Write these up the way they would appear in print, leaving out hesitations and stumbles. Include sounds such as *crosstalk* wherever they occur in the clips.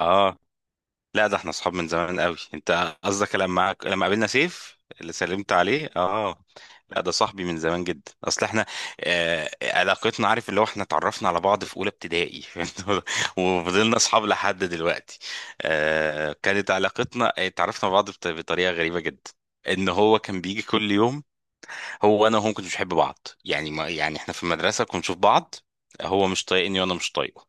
اه، لا ده احنا اصحاب من زمان قوي. انت قصدك لما قابلنا سيف اللي سلمت عليه. اه، لا ده صاحبي من زمان جدا. اصل احنا آه علاقتنا، عارف اللي هو احنا اتعرفنا على بعض في اولى ابتدائي. *laughs* وفضلنا اصحاب لحد دلوقتي. آه كانت علاقتنا، اتعرفنا على بعض بطريقة غريبة جدا. ان هو كان بيجي كل يوم، هو وانا، وهو ما كناش بنحب بعض يعني، ما يعني احنا في المدرسة كنا نشوف بعض. هو مش طايقني وانا مش طايقه.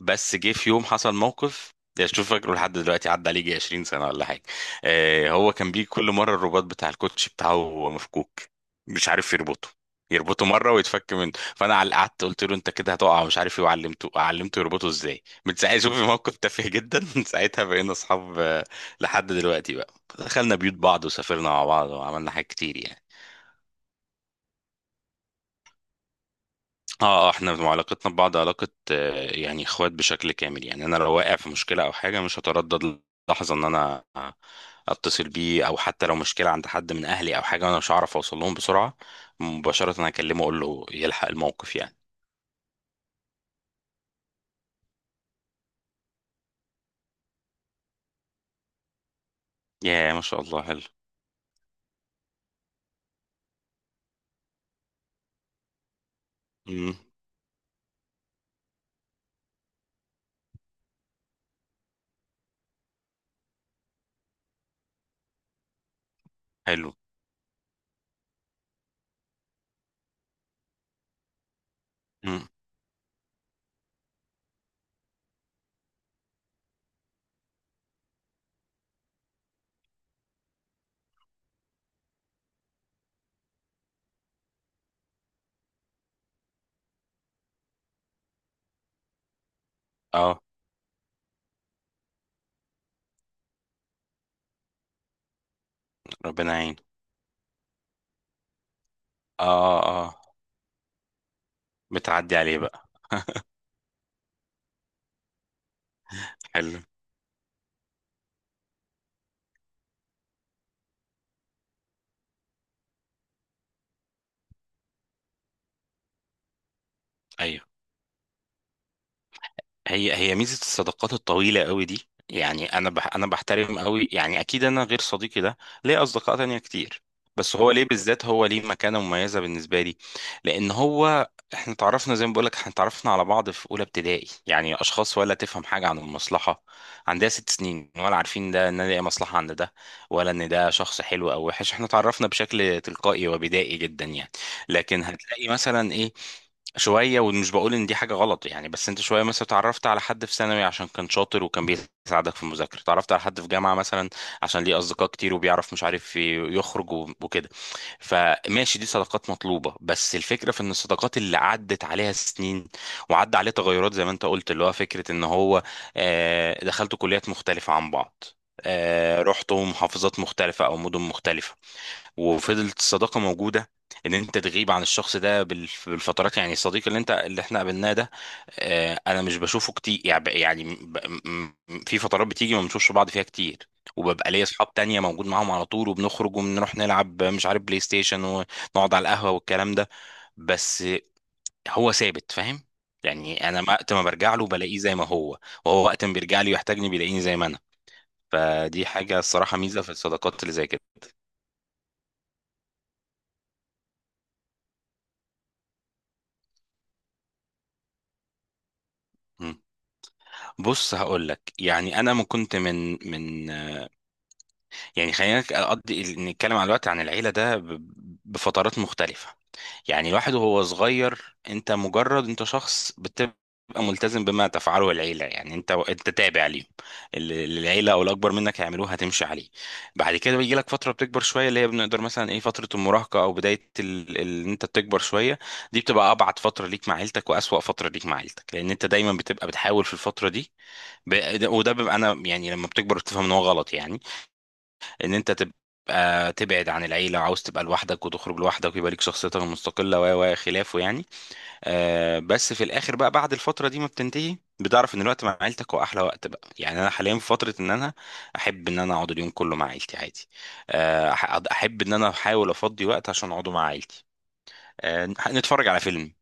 بس جه في يوم حصل موقف، يعني شوف، فاكره لحد دلوقتي، عدى عليه يجي 20 سنة ولا حاجة. آه هو كان بيجي كل مرة الرباط بتاع الكوتش بتاعه مفكوك، مش عارف يربطه، يربطه مرة ويتفك منه. فأنا قعدت قلت له أنت كده هتقع مش عارف إيه، وعلمته يربطه إزاي. من ساعتها، شوف موقف تافه جدا، *laughs* من ساعتها بقينا أصحاب. آه، لحد دلوقتي بقى دخلنا بيوت بعض وسافرنا مع بعض وعملنا حاجات كتير يعني. اه، آه، احنا علاقتنا ببعض علاقة آه، يعني اخوات بشكل كامل. يعني انا لو واقع في مشكلة او حاجة مش هتردد لحظة ان انا اتصل بيه. او حتى لو مشكلة عند حد من اهلي او حاجة وانا مش هعرف اوصل لهم بسرعة، مباشرة هكلمه اقول له يلحق الموقف يعني. يا ما شاء الله حلو. امم. حلو. امم. اه. ربنا يعين. اه. اه. آه. بتعدي عليه بقى. حلو. ايوه. هي ميزة الصداقات الطويلة قوي دي. يعني انا بحترم قوي، يعني اكيد انا غير صديقي ده ليه اصدقاء تانية كتير. بس هو ليه بالذات، هو ليه مكانة مميزة بالنسبة لي، لان هو احنا اتعرفنا زي ما بقولك احنا اتعرفنا على بعض في اولى ابتدائي، يعني اشخاص ولا تفهم حاجة عن المصلحة، عندها 6 سنين، ولا عارفين ده ان ده ايه مصلحة عند ده، ولا ان ده شخص حلو او وحش. احنا اتعرفنا بشكل تلقائي وبدائي جدا يعني. لكن هتلاقي مثلا ايه، شوية، ومش بقول ان دي حاجة غلط يعني، بس انت شوية مثلا اتعرفت على حد في ثانوي عشان كان شاطر وكان بيساعدك في المذاكرة، اتعرفت على حد في جامعة مثلا عشان ليه اصدقاء كتير وبيعرف مش عارف يخرج وكده. فماشي، دي صداقات مطلوبة، بس الفكرة في ان الصداقات اللي عدت عليها سنين وعدى عليها تغيرات، زي ما انت قلت، اللي هو فكرة ان هو آه، دخلتوا كليات مختلفة عن بعض، آه، رحتوا محافظات مختلفة او مدن مختلفة، وفضلت الصداقه موجوده. ان انت تغيب عن الشخص ده بالفترات يعني. الصديق اللي انت اللي احنا قابلناه ده آه، انا مش بشوفه كتير يعني، يعني م- في فترات بتيجي ما بنشوفش بعض فيها كتير. وببقى ليا اصحاب تانية موجود معاهم على طول، وبنخرج وبنروح نلعب مش عارف بلاي ستيشن، ونقعد على القهوة والكلام ده. بس هو ثابت، فاهم. يعني انا وقت ما برجع له بلاقيه زي ما هو، وهو وقت ما بيرجع لي ويحتاجني بيلاقيني زي ما انا. فدي حاجة الصراحة ميزة في الصداقات اللي زي كده. بص هقول لك، يعني انا ما كنت من يعني، خلينا اقضي نتكلم على الوقت عن العيله ده بفترات مختلفه. يعني الواحد وهو صغير، انت مجرد انت شخص بتبقى ملتزم بما تفعله العيله، يعني انت تابع ليهم. اللي العيله او الاكبر منك هيعملوه هتمشي عليه. بعد كده بيجي لك فتره بتكبر شويه، اللي هي بنقدر مثلا ايه فتره المراهقه او بدايه ان انت بتكبر شويه. دي بتبقى ابعد فتره ليك مع عيلتك واسوأ فتره ليك مع عيلتك، لان انت دايما بتبقى بتحاول في الفتره دي ب... وده بيبقى، انا يعني لما بتكبر بتفهم ان هو غلط يعني، ان انت تبقى تبعد عن العيله وعاوز تبقى لوحدك وتخرج لوحدك ويبقى ليك شخصيتك المستقله و خلافه يعني. آه بس في الاخر بقى بعد الفتره دي ما بتنتهي بتعرف ان الوقت مع عيلتك هو احلى وقت بقى. يعني انا حاليا في فتره ان انا احب ان انا اقعد اليوم كله مع عيلتي عادي. آه احب ان انا احاول افضي وقت عشان اقعده مع عيلتي. آه، نتفرج على فيلم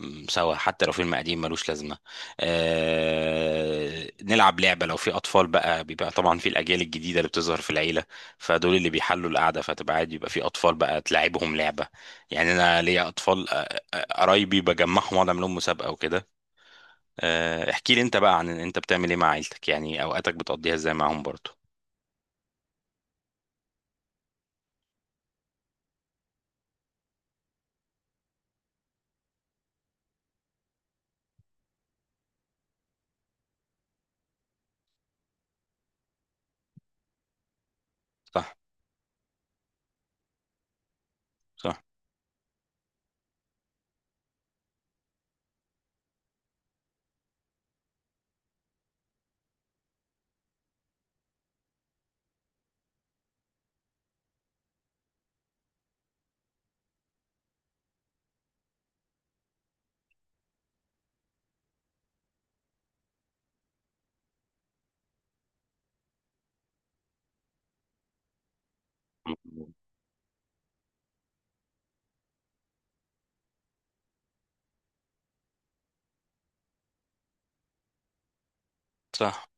سوا حتى لو فيلم قديم ملوش لازمة. آه، نلعب لعبة لو في أطفال بقى، بيبقى طبعا في الأجيال الجديدة اللي بتظهر في العيلة، فدول اللي بيحلوا القعدة. فتبقى عادي يبقى في أطفال بقى تلعبهم لعبة. يعني أنا ليا أطفال آه، آه، قرايبي بجمعهم وأقعد أعمل لهم مسابقة وكده. آه، احكي لي أنت بقى عن أنت بتعمل إيه مع عيلتك، يعني أوقاتك بتقضيها إزاي معاهم برضه؟ صح. صح. صح.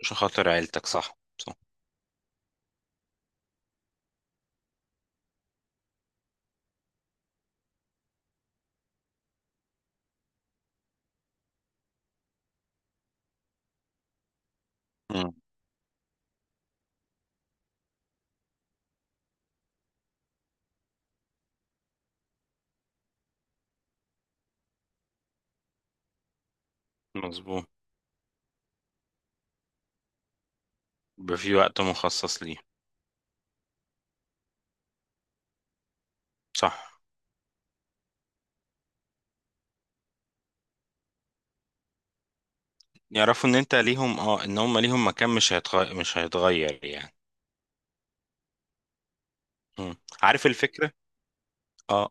عشان خاطر عيلتك، صح صح. مم. مظبوط. يبقى في وقت مخصص ليه. صح. يعرفوا ان انت ليهم، اه، ان هم ليهم مكان مش هيتغير، مش هيتغير يعني. مم. عارف الفكرة. اه.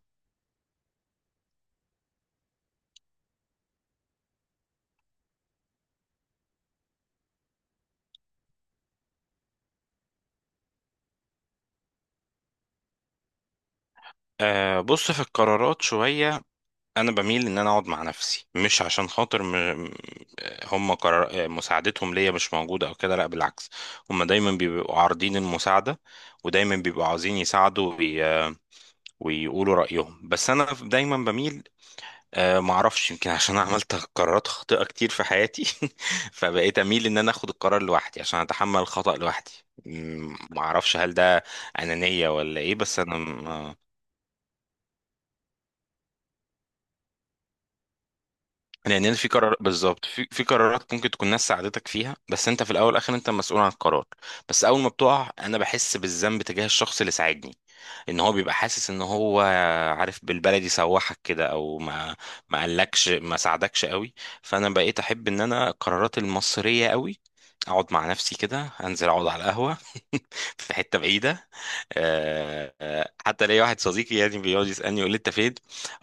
آه، بص في القرارات شوية. أنا بميل إن أنا أقعد مع نفسي، مش عشان خاطر هم قرار... آه، مساعدتهم ليا مش موجودة أو كده، لا بالعكس، هم دايما بيبقوا عارضين المساعدة، ودايما بيبقوا عاوزين يساعدوا وي... آه، ويقولوا رأيهم. بس أنا دايما بميل، معرفش، يمكن عشان أنا عملت قرارات خاطئة كتير في حياتي. *laughs* فبقيت أميل إن أنا أخد القرار لوحدي عشان أتحمل الخطأ لوحدي. معرفش هل ده أنانية ولا إيه، بس أنا لأن أنا في قرار بالظبط في قرارات ممكن تكون ناس ساعدتك فيها، بس أنت في الأول والآخر أنت مسؤول عن القرار. بس أول ما بتقع أنا بحس بالذنب تجاه الشخص اللي ساعدني، ان هو بيبقى حاسس ان هو عارف بالبلدي سوحك كده، او ما قالكش ما ساعدكش قوي. فانا بقيت احب ان انا القرارات المصريه قوي اقعد مع نفسي كده، انزل اقعد على القهوه *laughs* في حته بعيده. آه، آه، حتى ليا واحد صديقي يعني بيقعد يسالني يقول لي انت فين،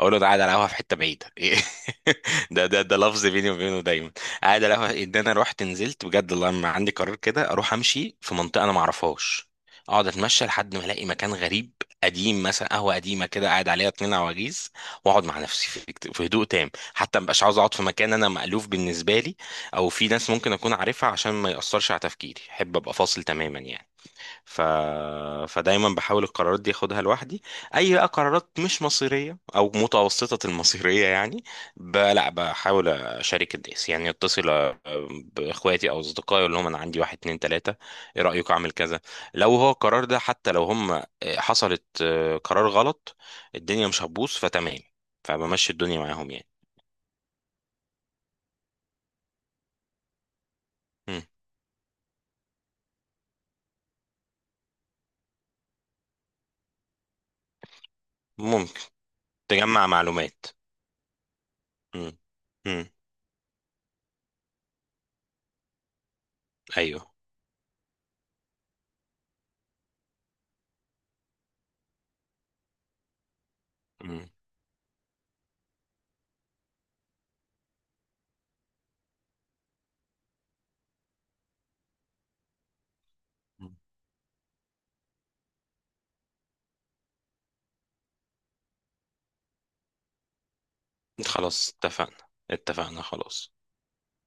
اقول له ده قاعد على قهوه في حته بعيده. *laughs* ده لفظ بيني وبينه دايما. قاعد على قهوه. ان انا رحت نزلت بجد الله لما عندي قرار كده، اروح امشي في منطقه انا ما اعرفهاش، اقعد اتمشى لحد ما الاقي مكان غريب قديم، مثلا قهوه قديمه كده قاعد عليها اتنين عواجيز، واقعد مع نفسي في هدوء تام. حتى مبقاش عاوز اقعد في مكان انا مألوف بالنسبه لي، او في ناس ممكن اكون عارفها، عشان ما ياثرش على تفكيري. احب ابقى فاصل تماما يعني. ف... فدايما بحاول القرارات دي اخدها لوحدي. اي بقى قرارات مش مصيريه او متوسطه المصيريه يعني، لا بحاول اشارك الناس، يعني اتصل باخواتي او اصدقائي اقول لهم انا عندي واحد اتنين تلاته، ايه رايك اعمل كذا. لو هو القرار ده حتى لو هم آه، حصلت آه، قرار غلط الدنيا مش هتبوظ فتمام. فبمشي الدنيا معاهم يعني. مم. ممكن. تجمع معلومات. مم. مم. ايوه. مم. خلاص اتفقنا. اتفقنا خلاص.